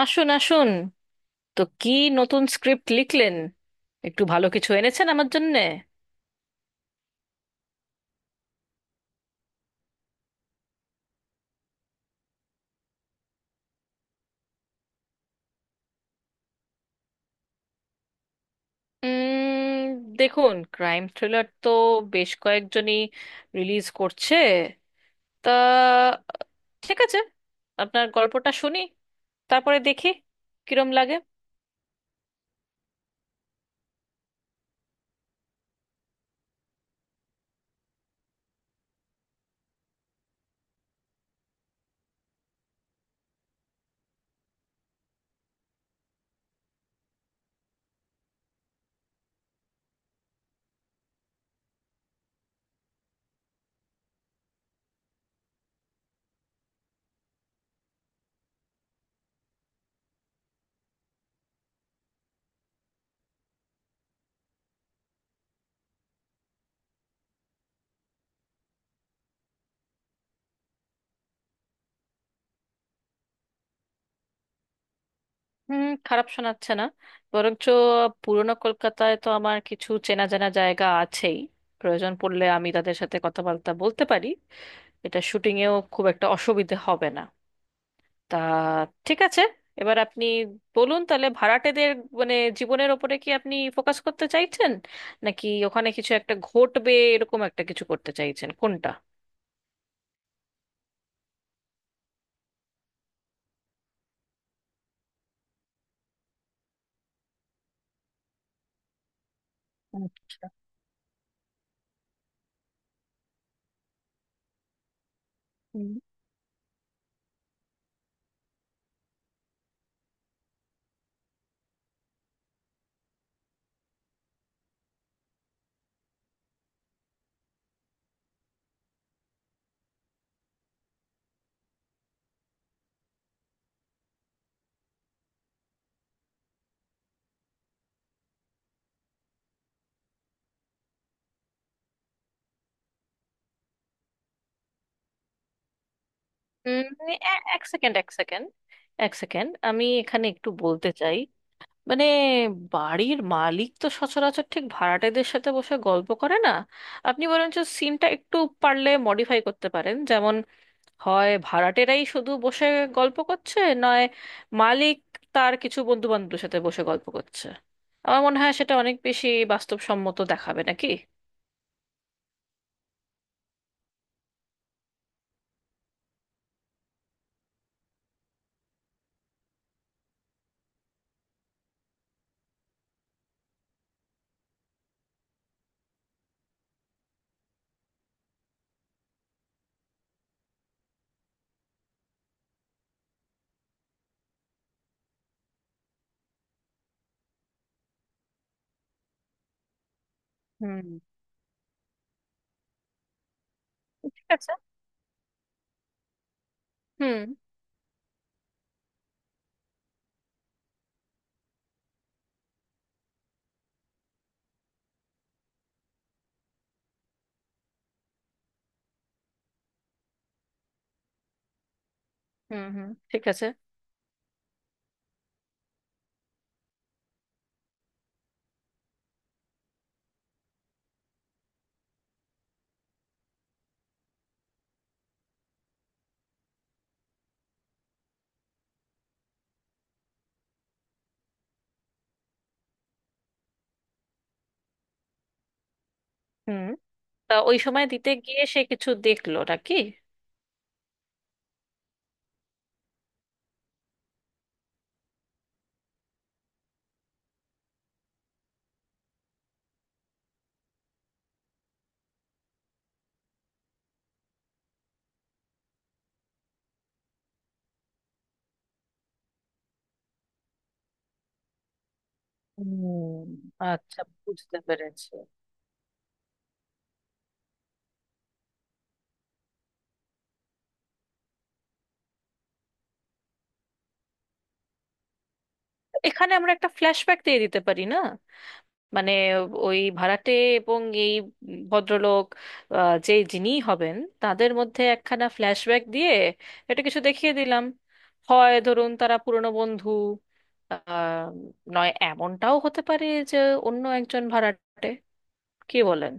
আসুন আসুন, তো কি নতুন স্ক্রিপ্ট লিখলেন? একটু ভালো কিছু এনেছেন আমার জন্যে? উম, দেখুন, ক্রাইম থ্রিলার তো বেশ কয়েকজনই রিলিজ করছে। তা ঠিক আছে, আপনার গল্পটা শুনি, তারপরে দেখি কিরম লাগে। হুম, খারাপ শোনাচ্ছে না। বরঞ্চ পুরনো কলকাতায় তো আমার কিছু চেনা জানা জায়গা আছেই, প্রয়োজন পড়লে আমি তাদের সাথে কথাবার্তা বলতে পারি। এটা শুটিংয়েও খুব একটা অসুবিধে হবে না। তা ঠিক আছে, এবার আপনি বলুন তাহলে ভাড়াটেদের মানে জীবনের ওপরে কি আপনি ফোকাস করতে চাইছেন, নাকি ওখানে কিছু একটা ঘটবে এরকম একটা কিছু করতে চাইছেন, কোনটা? আচ্ছা। হুম। মানে এক সেকেন্ড, এক সেকেন্ড, আমি এখানে একটু বলতে চাই। মানে, বাড়ির মালিক তো সচরাচর ঠিক ভাড়াটেদের সাথে বসে গল্প করে না। আপনি বরঞ্চ সিনটা একটু পারলে মডিফাই করতে পারেন। যেমন, হয় ভাড়াটেরাই শুধু বসে গল্প করছে, নয় মালিক তার কিছু বন্ধু বান্ধবের সাথে বসে গল্প করছে। আমার মনে হয় সেটা অনেক বেশি বাস্তবসম্মত দেখাবে, নাকি? হুম। ঠিক আছে। হুম, হুম, হুম, ঠিক আছে। হুম। তা ওই সময় দিতে গিয়ে সে কিছু দেখলো নাকি? হুম। আচ্ছা, বুঝতে পেরেছি। এখানে আমরা একটা ফ্ল্যাশব্যাক দিয়ে দিতে পারি না? মানে ওই ভাড়াটে এবং এই ভদ্রলোক, যে যিনি হবেন, তাদের মধ্যে একখানা ফ্ল্যাশব্যাক দিয়ে এটা কিছু দেখিয়ে দিলাম। হয় ধরুন তারা পুরনো বন্ধু, আহ, নয় এমনটাও হতে পারে যে অন্য একজন ভাড়াটে। কি বলেন?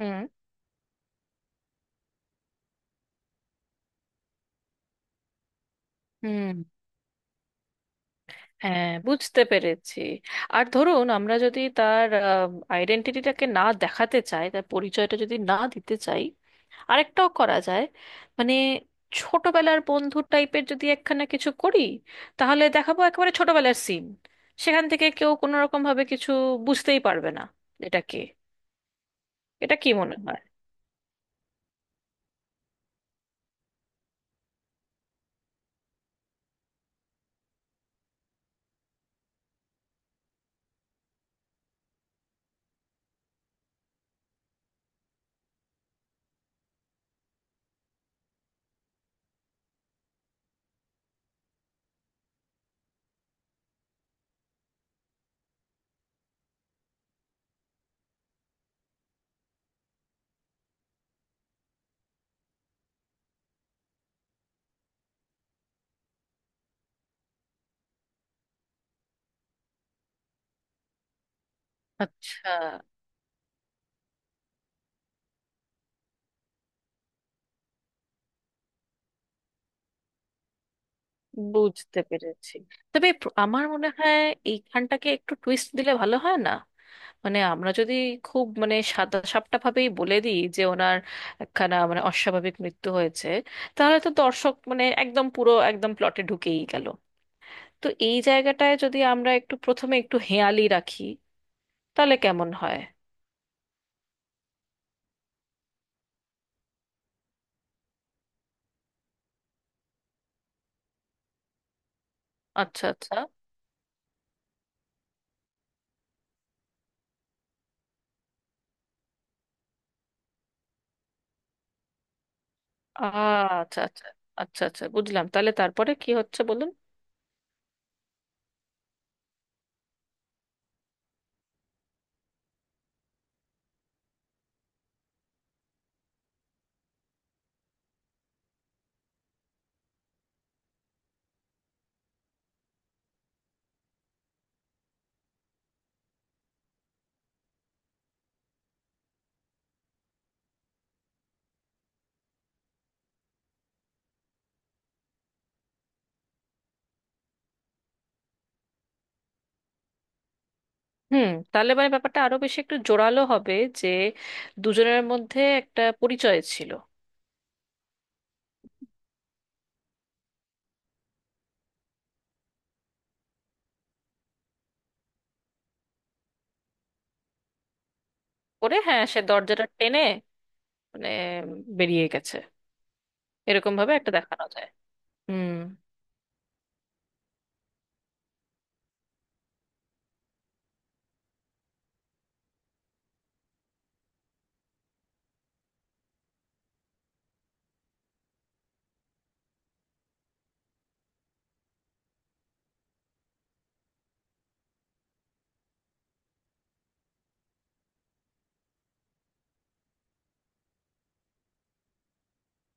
হুম। হুম। হ্যাঁ, বুঝতে পেরেছি। আর ধরুন আমরা যদি তার আইডেন্টিটিটাকে না দেখাতে চাই, তার পরিচয়টা যদি না দিতে চাই, আরেকটাও করা যায়। মানে ছোটবেলার বন্ধু টাইপের যদি একখানা কিছু করি, তাহলে দেখাবো একেবারে ছোটবেলার সিন। সেখান থেকে কেউ কোনো রকম ভাবে কিছু বুঝতেই পারবে না এটা কে। এটা কি মনে হয়? আচ্ছা। বুঝতে পেরেছি। তবে আমার মনে হয় এইখানটাকে একটু টুইস্ট দিলে ভালো হয় না? মানে আমরা যদি খুব মানে সাদা সাপটা ভাবেই বলে দিই যে ওনার একখানা মানে অস্বাভাবিক মৃত্যু হয়েছে, তাহলে তো দর্শক মানে একদম পুরো একদম প্লটে ঢুকেই গেল। তো এই জায়গাটায় যদি আমরা একটু প্রথমে একটু হেঁয়ালি রাখি তাহলে কেমন হয়? আচ্ছা, আচ্ছা। আচ্ছা, আচ্ছা। আচ্ছা, আচ্ছা, বুঝলাম। তাহলে তারপরে কি হচ্ছে বলুন। হুম, তাহলে মানে ব্যাপারটা আরো বেশি একটু জোরালো হবে যে দুজনের মধ্যে একটা পরিচয় ছিল। করে, হ্যাঁ, সে দরজাটা টেনে মানে বেরিয়ে গেছে। এরকম ভাবে একটা দেখানো যায়। হুম।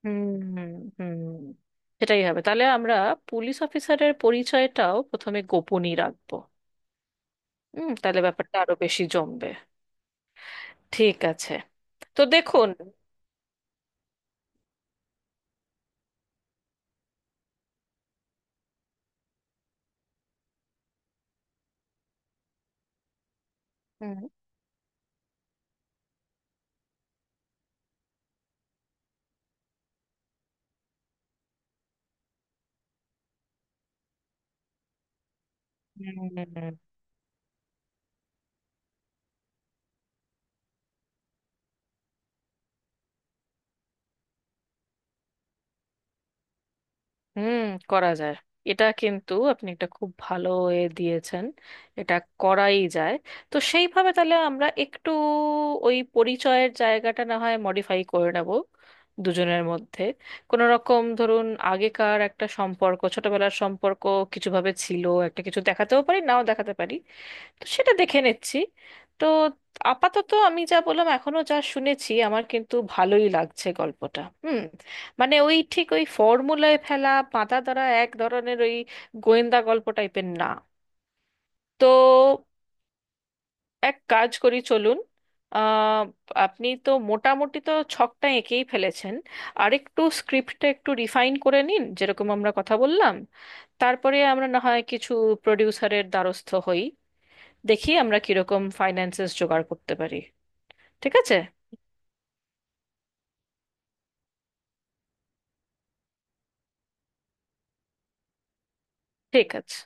হুম, হুম, হুম, সেটাই হবে তাহলে। আমরা পুলিশ অফিসারের পরিচয়টাও প্রথমে গোপনই রাখবো। হুম, তাহলে ব্যাপারটা আরো বেশি জমবে। ঠিক আছে। তো দেখুন। হুম, হুম। হুম, করা যায়। এটা কিন্তু আপনি একটা খুব ভালো এ দিয়েছেন। এটা করাই যায়। তো সেইভাবে তাহলে আমরা একটু ওই পরিচয়ের জায়গাটা না হয় মডিফাই করে নেব। দুজনের মধ্যে কোনো রকম ধরুন আগেকার একটা সম্পর্ক, ছোটবেলার সম্পর্ক কিছুভাবে ছিল, একটা কিছু দেখাতেও পারি, নাও দেখাতে পারি। তো সেটা দেখে নিচ্ছি। তো আপাতত আমি যা বললাম, এখনো যা শুনেছি, আমার কিন্তু ভালোই লাগছে গল্পটা। হুম। মানে ওই ঠিক ওই ফর্মুলায় ফেলা বাঁধা ধরা এক ধরনের ওই গোয়েন্দা গল্প টাইপের না। তো এক কাজ করি, চলুন। আহ, আপনি তো মোটামুটি তো ছকটা এঁকেই ফেলেছেন। আরেকটু স্ক্রিপ্টটা একটু রিফাইন করে নিন যেরকম আমরা কথা বললাম। তারপরে আমরা না হয় কিছু প্রডিউসারের দ্বারস্থ হই, দেখি আমরা কিরকম ফাইন্যান্সেস জোগাড় করতে পারি। ঠিক আছে। ঠিক আছে।